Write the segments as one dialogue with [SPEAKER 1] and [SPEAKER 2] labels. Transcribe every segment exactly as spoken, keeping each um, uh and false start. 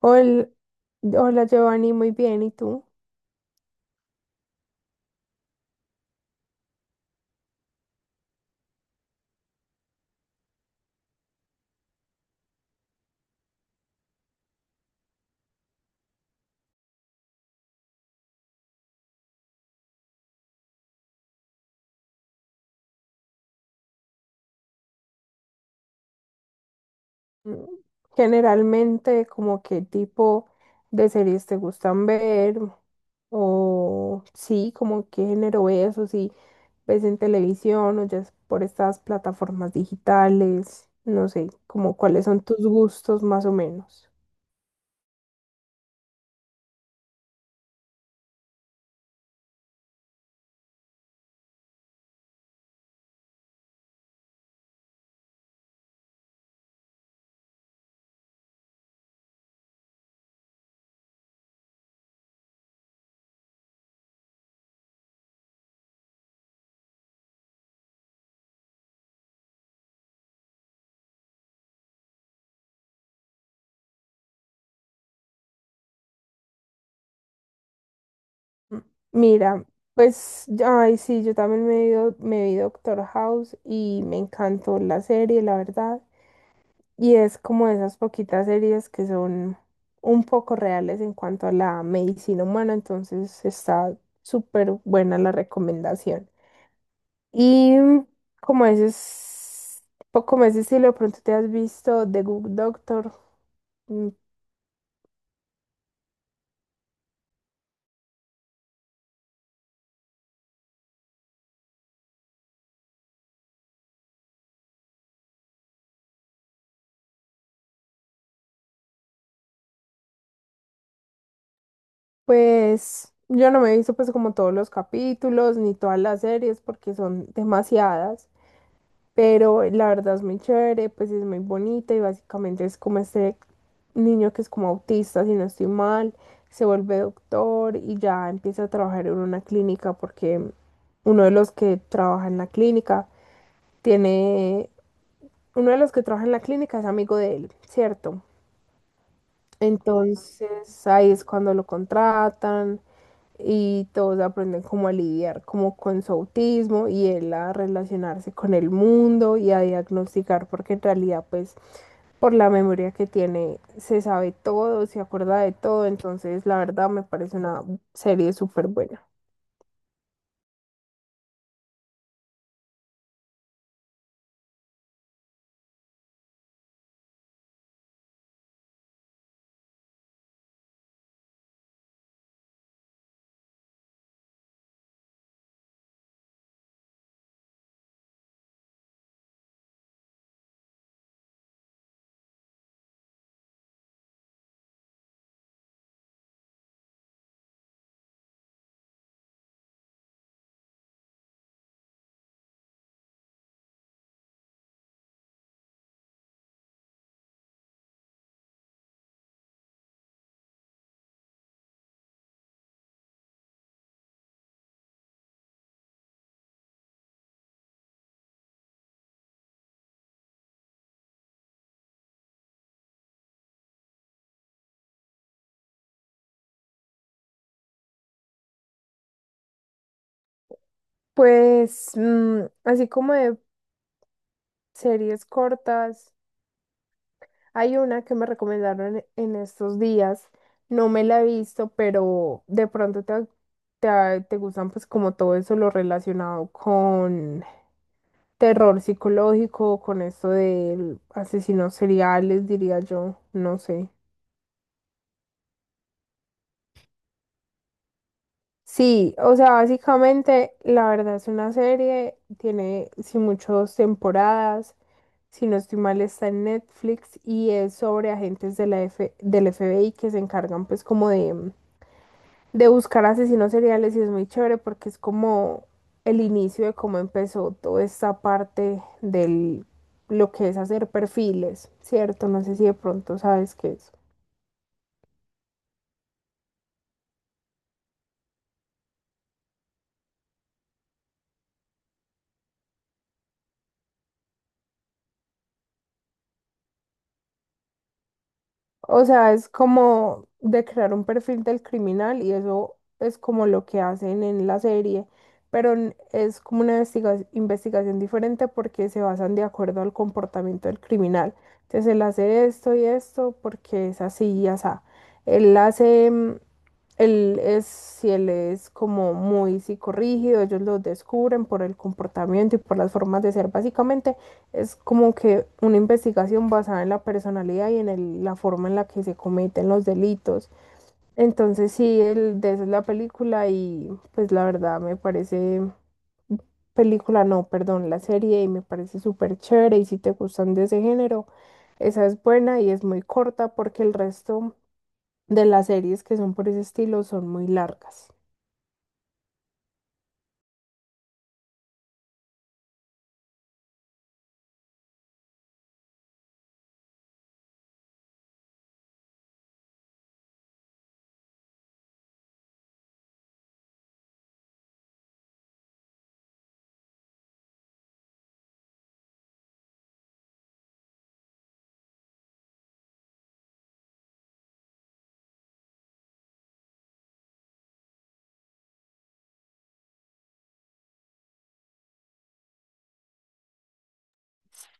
[SPEAKER 1] Hola, hola Giovanni, muy bien. ¿Y tú? Mm, Generalmente, ¿como qué tipo de series te gustan ver? O sí, como qué género ves o si ves en televisión o ya es por estas plataformas digitales, no sé, como cuáles son tus gustos más o menos. Mm, Mira, pues, ay, sí, yo también me vi, do- me vi Doctor House y me encantó la serie, la verdad. Y es como esas poquitas series que son un poco reales en cuanto a la medicina humana, entonces está súper buena la recomendación. Y como ese, es- po- como ese estilo, de pronto te has visto The Good Doctor, mm, pues yo no me he visto pues como todos los capítulos ni todas las series porque son demasiadas. Pero la verdad es muy chévere, pues es muy bonita y básicamente es como este niño que es como autista, si no estoy mal, se vuelve doctor y ya empieza a trabajar en una clínica porque uno de los que trabaja en la clínica tiene, uno de los que trabaja en la clínica es amigo de él, ¿cierto? Entonces ahí es cuando lo contratan y todos aprenden cómo a lidiar como con su autismo y él a relacionarse con el mundo y a diagnosticar porque en realidad pues por la memoria que tiene se sabe todo, se acuerda de todo, entonces la verdad me parece una serie súper buena. Pues mm, así como de series cortas. Hay una que me recomendaron en estos días, no me la he visto, pero de pronto te, te, ah, te gustan pues como todo eso lo relacionado con terror psicológico, con esto de asesinos seriales, diría yo, no sé. Sí, o sea, básicamente la verdad es una serie, tiene sí muchas temporadas, si no estoy mal está en Netflix y es sobre agentes de la F del F B I que se encargan pues como de de buscar asesinos seriales y es muy chévere porque es como el inicio de cómo empezó toda esta parte del lo que es hacer perfiles, ¿cierto? No sé si de pronto sabes qué es. O sea, es como de crear un perfil del criminal y eso es como lo que hacen en la serie, pero n- es como una investiga- investigación diferente porque se basan de acuerdo al comportamiento del criminal. Entonces él hace esto y esto porque es así y asá. Él hace, mm, él es, si él es como muy psicorrígido, ellos lo descubren por el comportamiento y por las formas de ser, básicamente es como que una investigación basada en la personalidad y en el- la forma en la que se cometen los delitos. Entonces sí, el, de eso es la película y pues la verdad me parece, película no, perdón, la serie, y me parece súper chévere, y si te gustan de ese género, esa es buena y es muy corta porque el resto de las series que son por ese estilo son muy largas.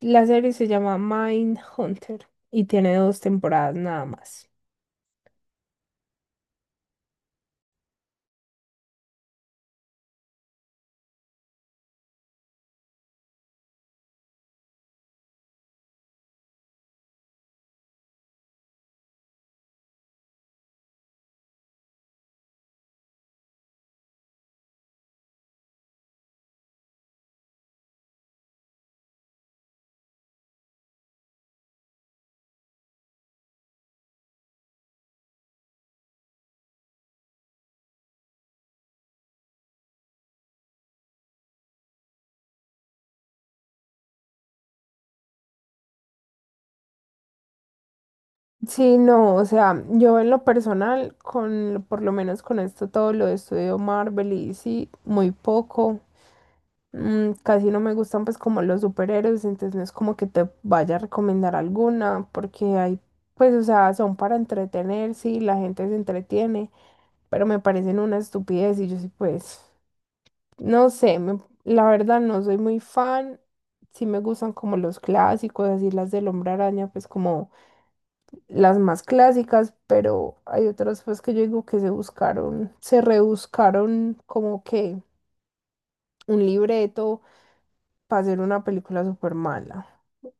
[SPEAKER 1] La serie se llama Mind Hunter y tiene dos temporadas nada más. Sí, no, o sea, yo en lo personal, con, por lo menos con esto, todo lo de estudio Marvel y sí, muy poco. Mm, casi no me gustan pues como los superhéroes, entonces no es como que te vaya a recomendar alguna, porque hay, pues, o sea, son para entretener, sí, la gente se entretiene, pero me parecen una estupidez y yo sí, pues, no sé, me- la verdad no soy muy fan, sí me gustan como los clásicos, así las del Hombre Araña, pues como las más clásicas, pero hay otras pues que yo digo que se buscaron, se rebuscaron como que un libreto para hacer una película súper mala.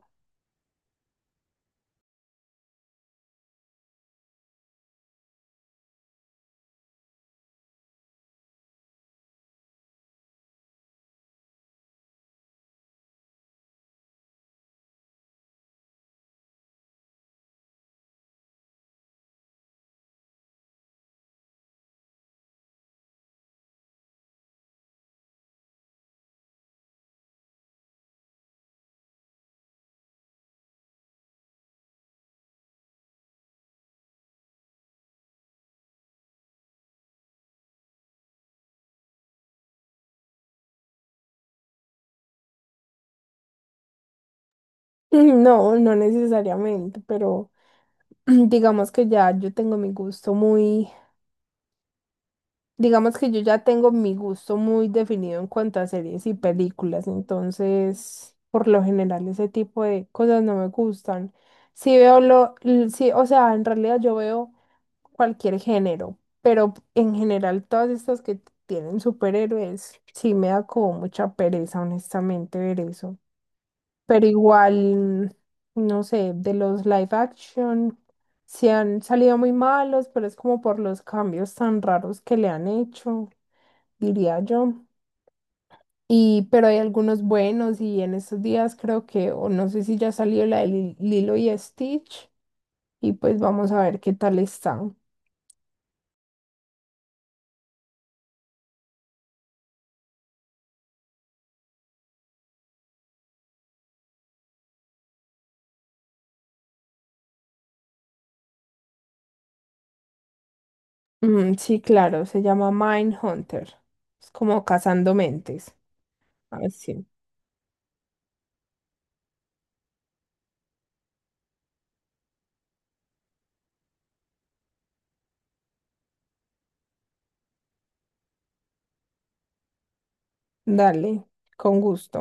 [SPEAKER 1] No, no necesariamente, pero digamos que ya yo tengo mi gusto muy... Digamos que yo ya tengo mi gusto muy definido en cuanto a series y películas, entonces por lo general ese tipo de cosas no me gustan. Sí veo lo, l- sí, o sea, en realidad yo veo cualquier género, pero en general todas estas que tienen superhéroes, sí me da como mucha pereza, honestamente, ver eso. Pero igual, no sé, de los live action, se han salido muy malos, pero es como por los cambios tan raros que le han hecho, diría yo. Y, pero hay algunos buenos y en estos días creo que, o no sé si ya salió la de Lil- Lilo y Stitch, y pues vamos a ver qué tal están. Mm, sí, claro, se llama Mindhunter. Es como cazando mentes. Así. Dale, con gusto.